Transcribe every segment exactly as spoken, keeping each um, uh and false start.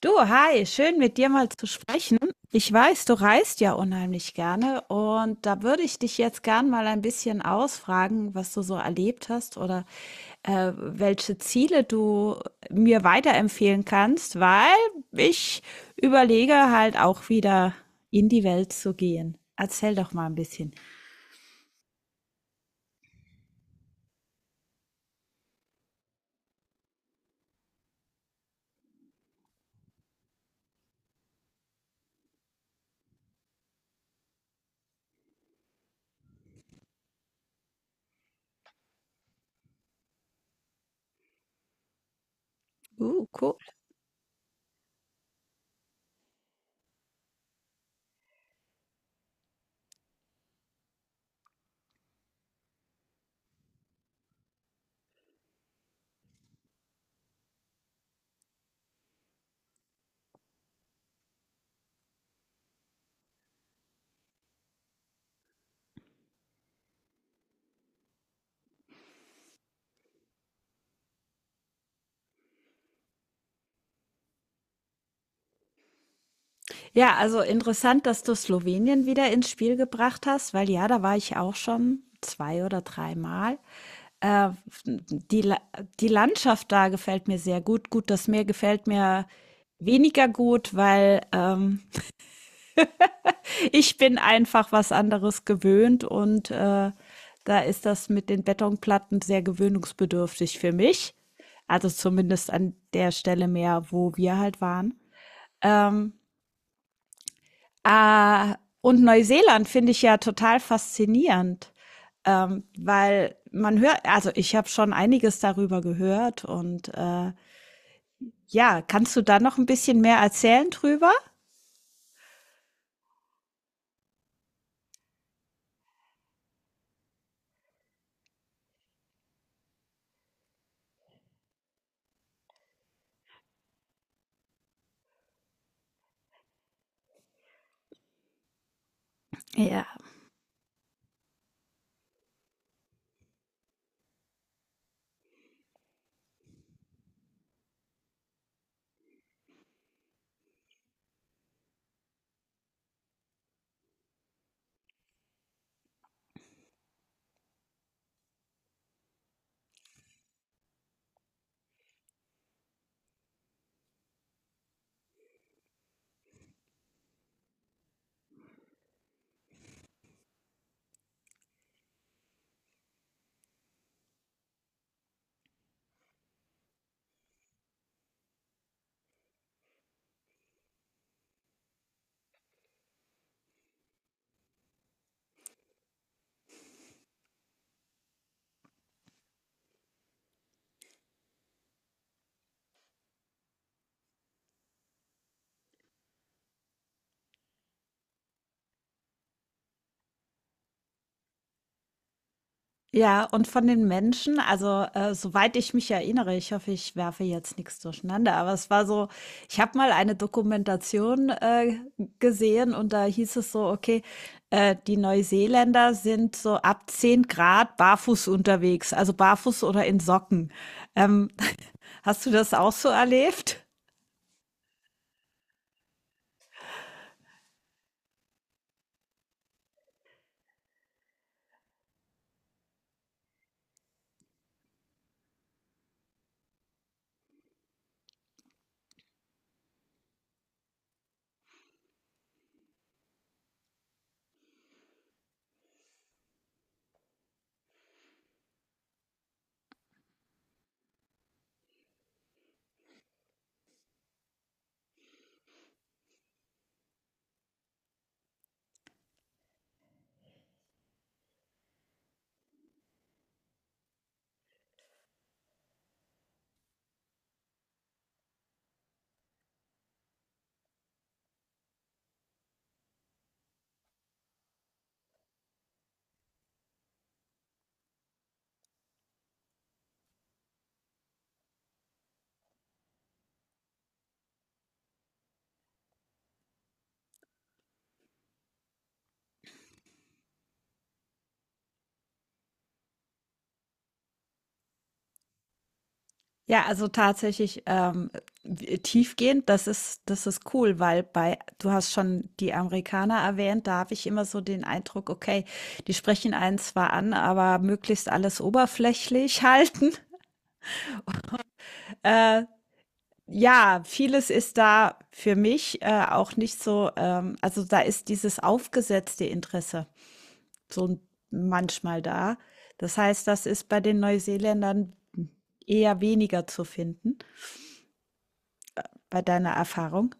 Du, hi, schön mit dir mal zu sprechen. Ich weiß, du reist ja unheimlich gerne und da würde ich dich jetzt gern mal ein bisschen ausfragen, was du so erlebt hast oder äh, welche Ziele du mir weiterempfehlen kannst, weil ich überlege halt auch wieder in die Welt zu gehen. Erzähl doch mal ein bisschen. Uh, cool. Ja, also interessant, dass du Slowenien wieder ins Spiel gebracht hast, weil ja, da war ich auch schon zwei oder dreimal. Äh, die, La- Die Landschaft da gefällt mir sehr gut. Gut, das Meer gefällt mir weniger gut, weil ähm, ich bin einfach was anderes gewöhnt und äh, da ist das mit den Betonplatten sehr gewöhnungsbedürftig für mich. Also zumindest an der Stelle mehr, wo wir halt waren. Ähm, Ah, und Neuseeland finde ich ja total faszinierend, ähm, weil man hört, also ich habe schon einiges darüber gehört und äh, ja, kannst du da noch ein bisschen mehr erzählen drüber? Ja, ja, und von den Menschen, also, äh, soweit ich mich erinnere, ich hoffe, ich werfe jetzt nichts durcheinander, aber es war so, ich habe mal eine Dokumentation, äh, gesehen und da hieß es so, okay, äh, die Neuseeländer sind so ab zehn Grad barfuß unterwegs, also barfuß oder in Socken. Ähm, hast du das auch so erlebt? Ja, also tatsächlich ähm, w- tiefgehend, das ist, das ist cool, weil bei, du hast schon die Amerikaner erwähnt, da habe ich immer so den Eindruck, okay, die sprechen einen zwar an, aber möglichst alles oberflächlich halten. Äh, ja, vieles ist da für mich äh, auch nicht so, ähm, also da ist dieses aufgesetzte Interesse so manchmal da. Das heißt, das ist bei den Neuseeländern eher weniger zu finden, bei deiner Erfahrung.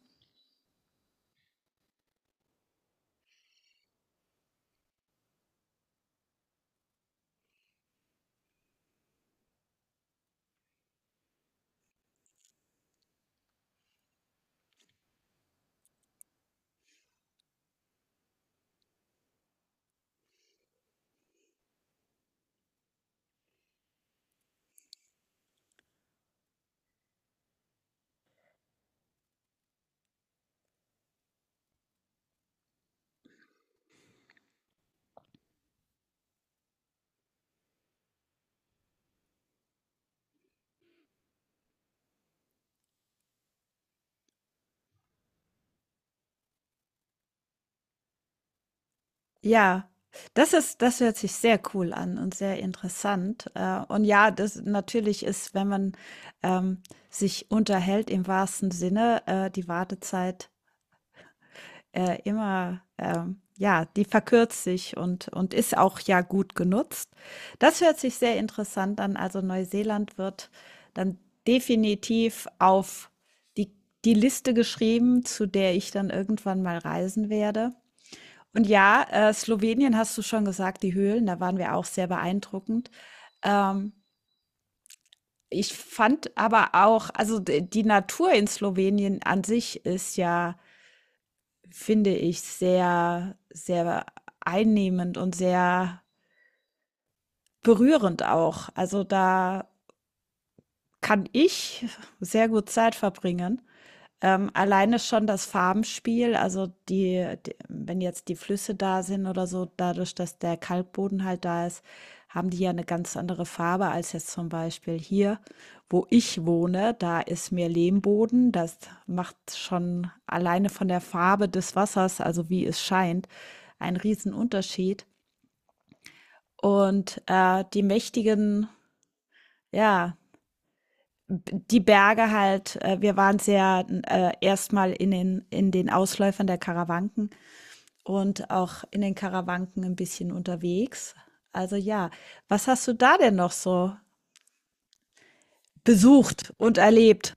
Ja, das ist das hört sich sehr cool an und sehr interessant. Äh, und ja, das natürlich ist, wenn man, ähm, sich unterhält im wahrsten Sinne, äh, die Wartezeit, äh, immer, ähm ja, die verkürzt sich und und ist auch ja gut genutzt. Das hört sich sehr interessant an. Also, Neuseeland wird dann definitiv auf die die Liste geschrieben, zu der ich dann irgendwann mal reisen werde. Und ja, äh, Slowenien hast du schon gesagt, die Höhlen, da waren wir auch sehr beeindruckend. Ähm, ich fand aber auch, also d- die Natur in Slowenien an sich ist ja, finde ich, sehr, sehr einnehmend und sehr berührend auch. Also da kann ich sehr gut Zeit verbringen. Ähm, alleine schon das Farbenspiel, also die d wenn jetzt die Flüsse da sind oder so, dadurch, dass der Kalkboden halt da ist, haben die ja eine ganz andere Farbe als jetzt zum Beispiel hier, wo ich wohne. Da ist mehr Lehmboden. Das macht schon alleine von der Farbe des Wassers, also wie es scheint, einen riesen Unterschied. Und, äh, die mächtigen, ja die Berge halt, äh, wir waren sehr äh, erstmal in den, in den Ausläufern der Karawanken und auch in den Karawanken ein bisschen unterwegs. Also ja, was hast du da denn noch so besucht und erlebt?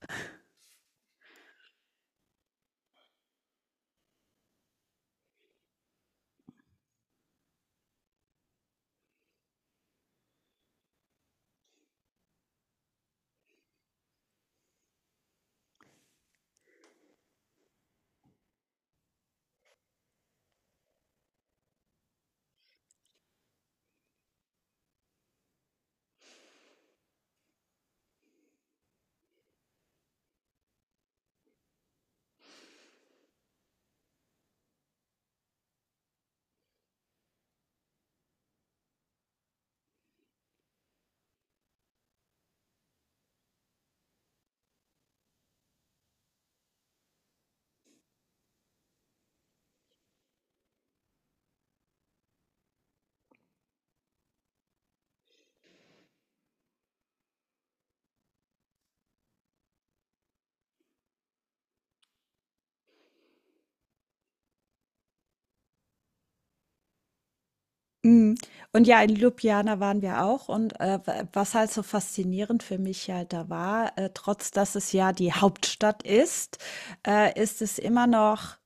Mm. Und ja, in Ljubljana waren wir auch. Und äh, was halt so faszinierend für mich halt da war, äh, trotz dass es ja die Hauptstadt ist, äh, ist es immer noch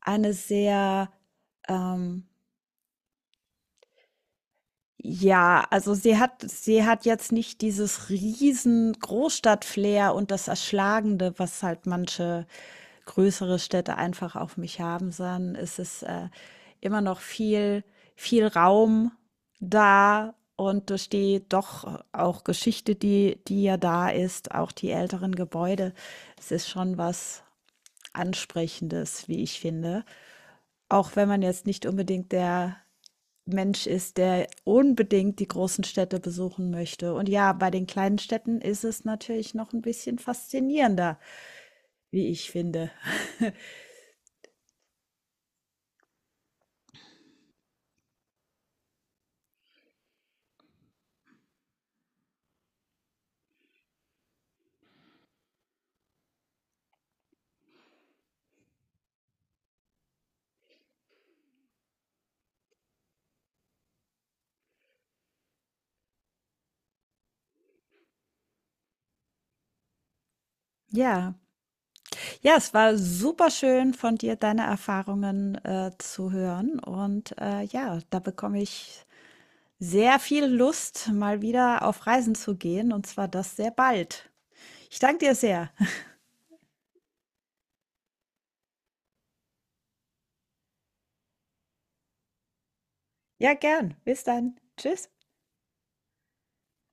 eine sehr ähm, ja, also sie hat sie hat jetzt nicht dieses riesen Großstadt-Flair und das Erschlagende, was halt manche größere Städte einfach auf mich haben, sondern es ist äh, immer noch viel, viel Raum da und durch die doch auch Geschichte, die, die ja da ist, auch die älteren Gebäude, es ist schon was Ansprechendes, wie ich finde. Auch wenn man jetzt nicht unbedingt der Mensch ist, der unbedingt die großen Städte besuchen möchte. Und ja, bei den kleinen Städten ist es natürlich noch ein bisschen faszinierender, wie ich finde. Ja, ja, es war super schön von dir, deine Erfahrungen äh, zu hören. Und äh, ja, da bekomme ich sehr viel Lust, mal wieder auf Reisen zu gehen. Und zwar das sehr bald. Ich danke dir sehr. Ja, gern. Bis dann. Tschüss.